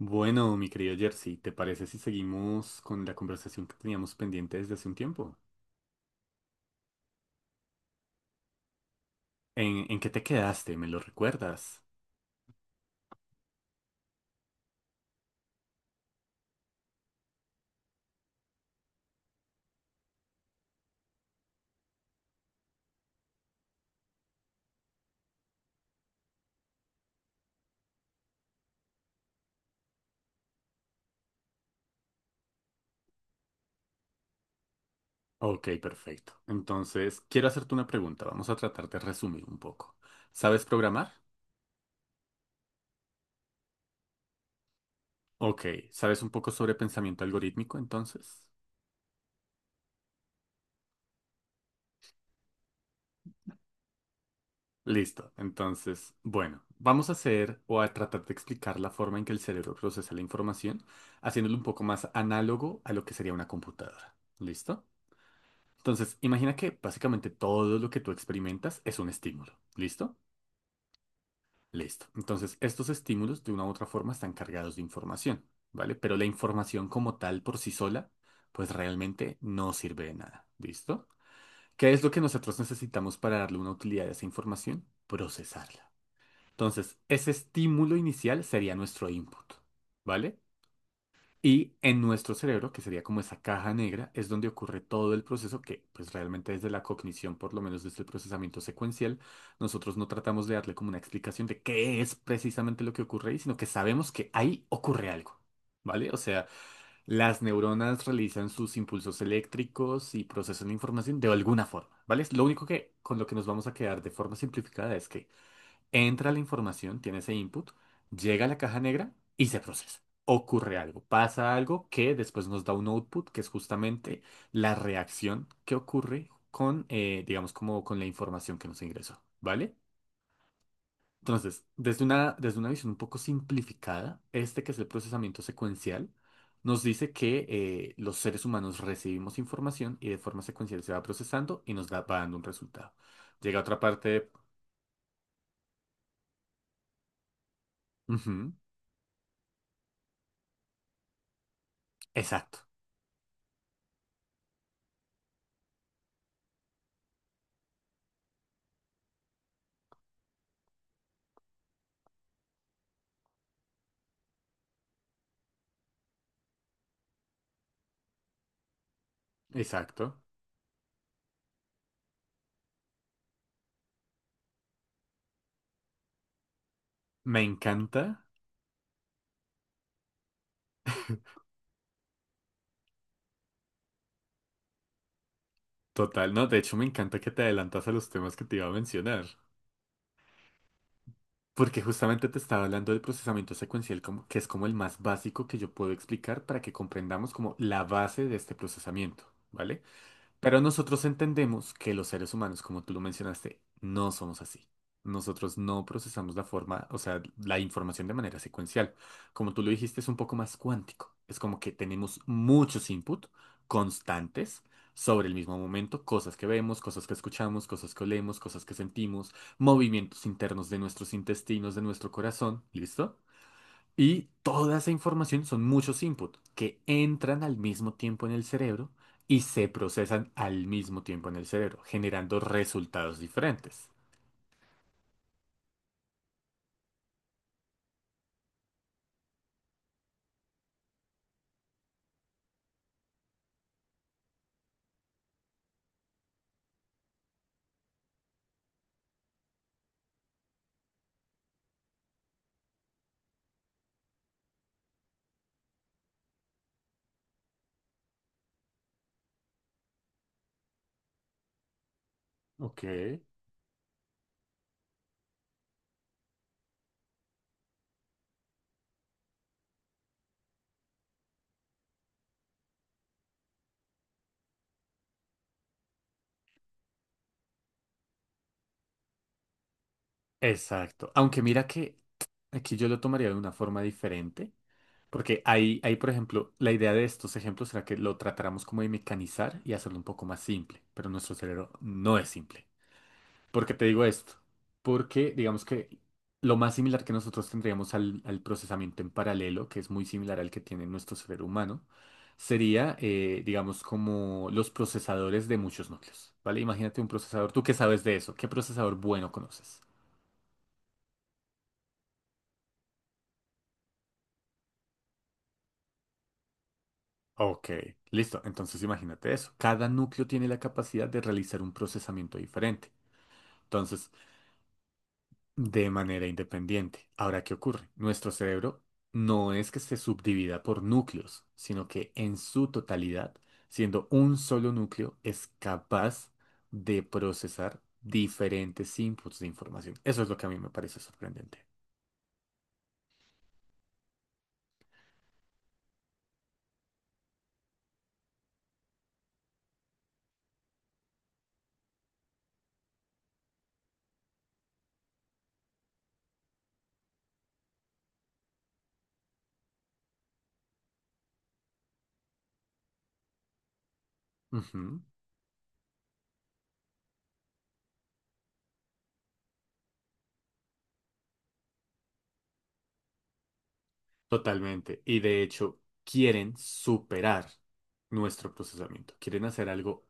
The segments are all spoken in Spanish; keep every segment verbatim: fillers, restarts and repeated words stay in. Bueno, mi querido Jersey, ¿te parece si seguimos con la conversación que teníamos pendiente desde hace un tiempo? ¿En, en qué te quedaste? ¿Me lo recuerdas? Ok, perfecto. Entonces, quiero hacerte una pregunta. Vamos a tratar de resumir un poco. ¿Sabes programar? Ok. ¿Sabes un poco sobre pensamiento algorítmico entonces? Listo. Entonces, bueno, vamos a hacer o a tratar de explicar la forma en que el cerebro procesa la información, haciéndolo un poco más análogo a lo que sería una computadora. ¿Listo? Entonces, imagina que básicamente todo lo que tú experimentas es un estímulo. ¿Listo? Listo. Entonces, estos estímulos de una u otra forma están cargados de información, ¿vale? Pero la información como tal por sí sola, pues realmente no sirve de nada. ¿Listo? ¿Qué es lo que nosotros necesitamos para darle una utilidad a esa información? Procesarla. Entonces, ese estímulo inicial sería nuestro input, ¿vale? Y en nuestro cerebro, que sería como esa caja negra, es donde ocurre todo el proceso que, pues realmente desde la cognición, por lo menos desde el procesamiento secuencial, nosotros no tratamos de darle como una explicación de qué es precisamente lo que ocurre ahí, sino que sabemos que ahí ocurre algo, ¿vale? O sea, las neuronas realizan sus impulsos eléctricos y procesan la información de alguna forma, ¿vale? Es lo único que con lo que nos vamos a quedar de forma simplificada es que entra la información, tiene ese input, llega a la caja negra y se procesa. Ocurre algo, pasa algo que después nos da un output, que es justamente la reacción que ocurre con, eh, digamos, como con la información que nos ingresó, ¿vale? Entonces, desde una, desde una visión un poco simplificada, este que es el procesamiento secuencial, nos dice que eh, los seres humanos recibimos información y de forma secuencial se va procesando y nos da, va dando un resultado. Llega a otra parte. Ujú, exacto, exacto. Me encanta, total, no, de hecho me encanta que te adelantas a los temas que te iba a mencionar, porque justamente te estaba hablando del procesamiento secuencial, como, que es como el más básico que yo puedo explicar para que comprendamos como la base de este procesamiento, ¿vale? Pero nosotros entendemos que los seres humanos, como tú lo mencionaste, no somos así. Nosotros no procesamos la forma, o sea, la información de manera secuencial. Como tú lo dijiste, es un poco más cuántico. Es como que tenemos muchos input constantes sobre el mismo momento, cosas que vemos, cosas que escuchamos, cosas que olemos, cosas que sentimos, movimientos internos de nuestros intestinos, de nuestro corazón, ¿listo? Y toda esa información son muchos inputs que entran al mismo tiempo en el cerebro y se procesan al mismo tiempo en el cerebro, generando resultados diferentes. Ok, exacto. Aunque mira que aquí yo lo tomaría de una forma diferente, porque ahí, ahí, por ejemplo, la idea de estos ejemplos será que lo tratáramos como de mecanizar y hacerlo un poco más simple, pero nuestro cerebro no es simple. ¿Por qué te digo esto? Porque digamos que lo más similar que nosotros tendríamos al, al procesamiento en paralelo, que es muy similar al que tiene nuestro cerebro humano, sería, eh, digamos, como los procesadores de muchos núcleos, ¿vale? Imagínate un procesador, ¿tú qué sabes de eso? ¿Qué procesador bueno conoces? Ok, listo. Entonces imagínate eso. Cada núcleo tiene la capacidad de realizar un procesamiento diferente. Entonces, de manera independiente. Ahora, ¿qué ocurre? Nuestro cerebro no es que se subdivida por núcleos, sino que en su totalidad, siendo un solo núcleo, es capaz de procesar diferentes inputs de información. Eso es lo que a mí me parece sorprendente. Ujú, totalmente. Y de hecho, quieren superar nuestro procesamiento. Quieren hacer algo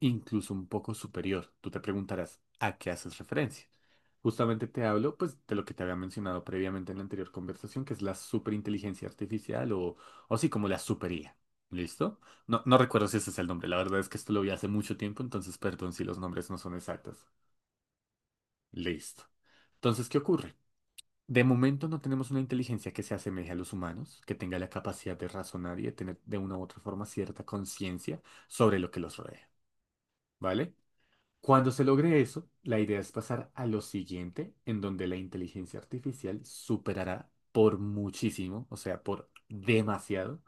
incluso un poco superior. Tú te preguntarás, ¿a qué haces referencia? Justamente te hablo, pues, de lo que te había mencionado previamente en la anterior conversación, que es la superinteligencia artificial o, o sí, como la supería. ¿Listo? No, no recuerdo si ese es el nombre. La verdad es que esto lo vi hace mucho tiempo, entonces perdón si los nombres no son exactos. Listo. Entonces, ¿qué ocurre? De momento no tenemos una inteligencia que se asemeje a los humanos, que tenga la capacidad de razonar y de tener de una u otra forma cierta conciencia sobre lo que los rodea, ¿vale? Cuando se logre eso, la idea es pasar a lo siguiente, en donde la inteligencia artificial superará por muchísimo, o sea, por demasiado,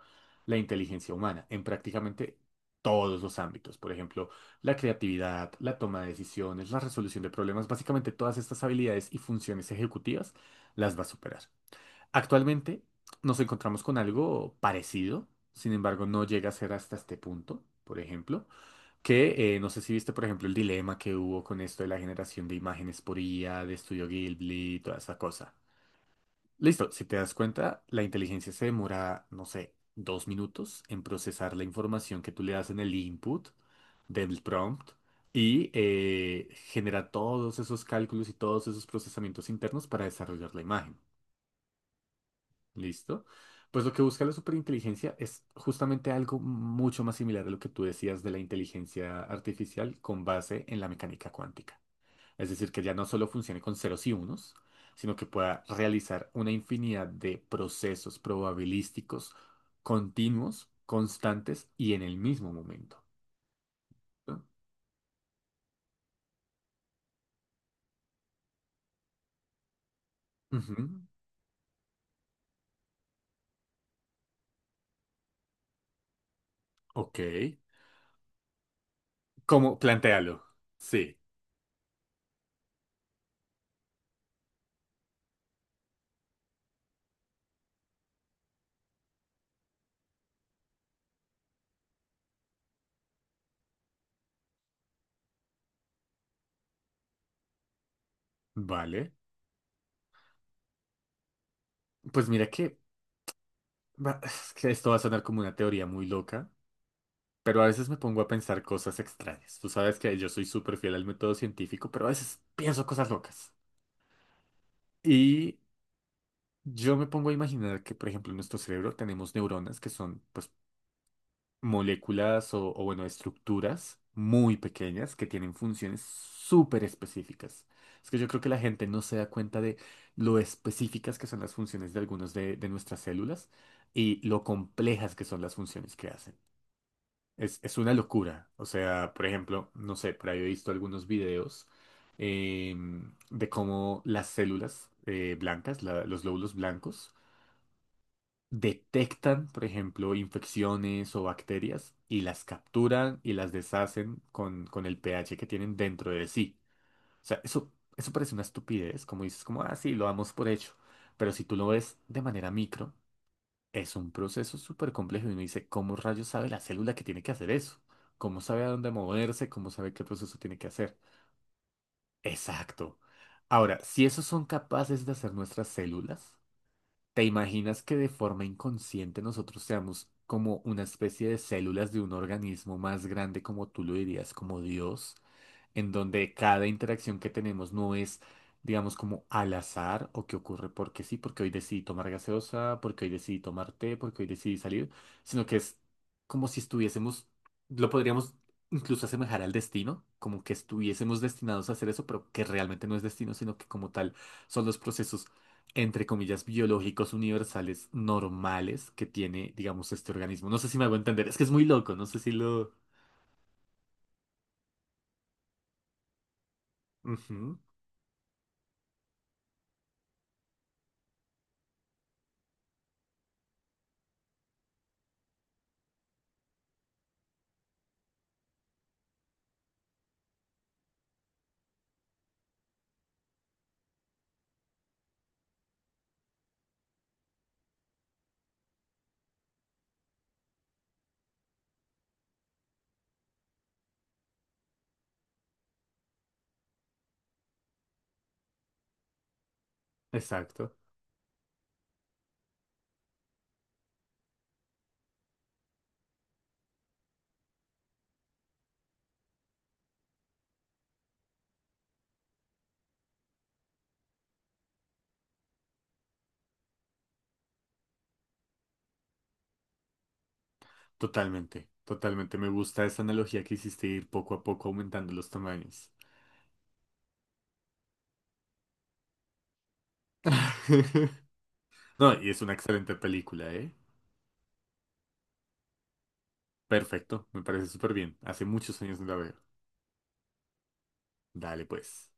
la inteligencia humana en prácticamente todos los ámbitos. Por ejemplo, la creatividad, la toma de decisiones, la resolución de problemas, básicamente todas estas habilidades y funciones ejecutivas las va a superar. Actualmente nos encontramos con algo parecido, sin embargo, no llega a ser hasta este punto, por ejemplo. Que eh, no sé si viste, por ejemplo, el dilema que hubo con esto de la generación de imágenes por I A, de Estudio Ghibli, toda esa cosa. Listo, si te das cuenta, la inteligencia se demora, no sé, dos minutos en procesar la información que tú le das en el input del prompt y eh, genera todos esos cálculos y todos esos procesamientos internos para desarrollar la imagen. ¿Listo? Pues lo que busca la superinteligencia es justamente algo mucho más similar a lo que tú decías de la inteligencia artificial con base en la mecánica cuántica. Es decir, que ya no solo funcione con ceros y unos, sino que pueda realizar una infinidad de procesos probabilísticos continuos, constantes y en el mismo momento. ¿No? Ujú, ok. ¿Cómo? Plantéalo. Sí. Vale. Pues mira que, va- es que esto va a sonar como una teoría muy loca. Pero a veces me pongo a pensar cosas extrañas. Tú sabes que yo soy súper fiel al método científico, pero a veces pienso cosas locas. Y yo me pongo a imaginar que, por ejemplo, en nuestro cerebro tenemos neuronas que son, pues, moléculas o, o, bueno, estructuras muy pequeñas que tienen funciones súper específicas. Es que yo creo que la gente no se da cuenta de lo específicas que son las funciones de algunas de, de nuestras células y lo complejas que son las funciones que hacen. Es, es una locura. O sea, por ejemplo, no sé, por ahí he visto algunos videos em, de cómo las células eh, blancas, la- los glóbulos blancos, detectan, por ejemplo, infecciones o bacterias y las capturan y las deshacen con, con el pH que tienen dentro de sí. O sea, eso, eso parece una estupidez, como dices, como, ah, sí, lo damos por hecho. Pero si tú lo ves de manera micro, es un proceso súper complejo y uno dice, ¿cómo rayos sabe la célula que tiene que hacer eso? ¿Cómo sabe a dónde moverse? ¿Cómo sabe qué proceso tiene que hacer? Exacto. Ahora, si esos son capaces de hacer nuestras células, ¿te imaginas que de forma inconsciente nosotros seamos como una especie de células de un organismo más grande, como tú lo dirías, como Dios? En donde cada interacción que tenemos no es, digamos, como al azar o que ocurre porque sí, porque hoy decidí tomar gaseosa, porque hoy decidí tomar té, porque hoy decidí salir, sino que es como si estuviésemos, lo podríamos incluso asemejar al destino, como que estuviésemos destinados a hacer eso, pero que realmente no es destino, sino que como tal son los procesos. Entre comillas, biológicos universales normales que tiene, digamos, este organismo. No sé si me hago entender, es que es muy loco, no sé si lo... Ujú, exacto. Totalmente, totalmente. Me gusta esa analogía que hiciste, ir poco a poco aumentando los tamaños. No, y es una excelente película, ¿eh? Perfecto, me parece súper bien. Hace muchos años no la veo. Dale pues.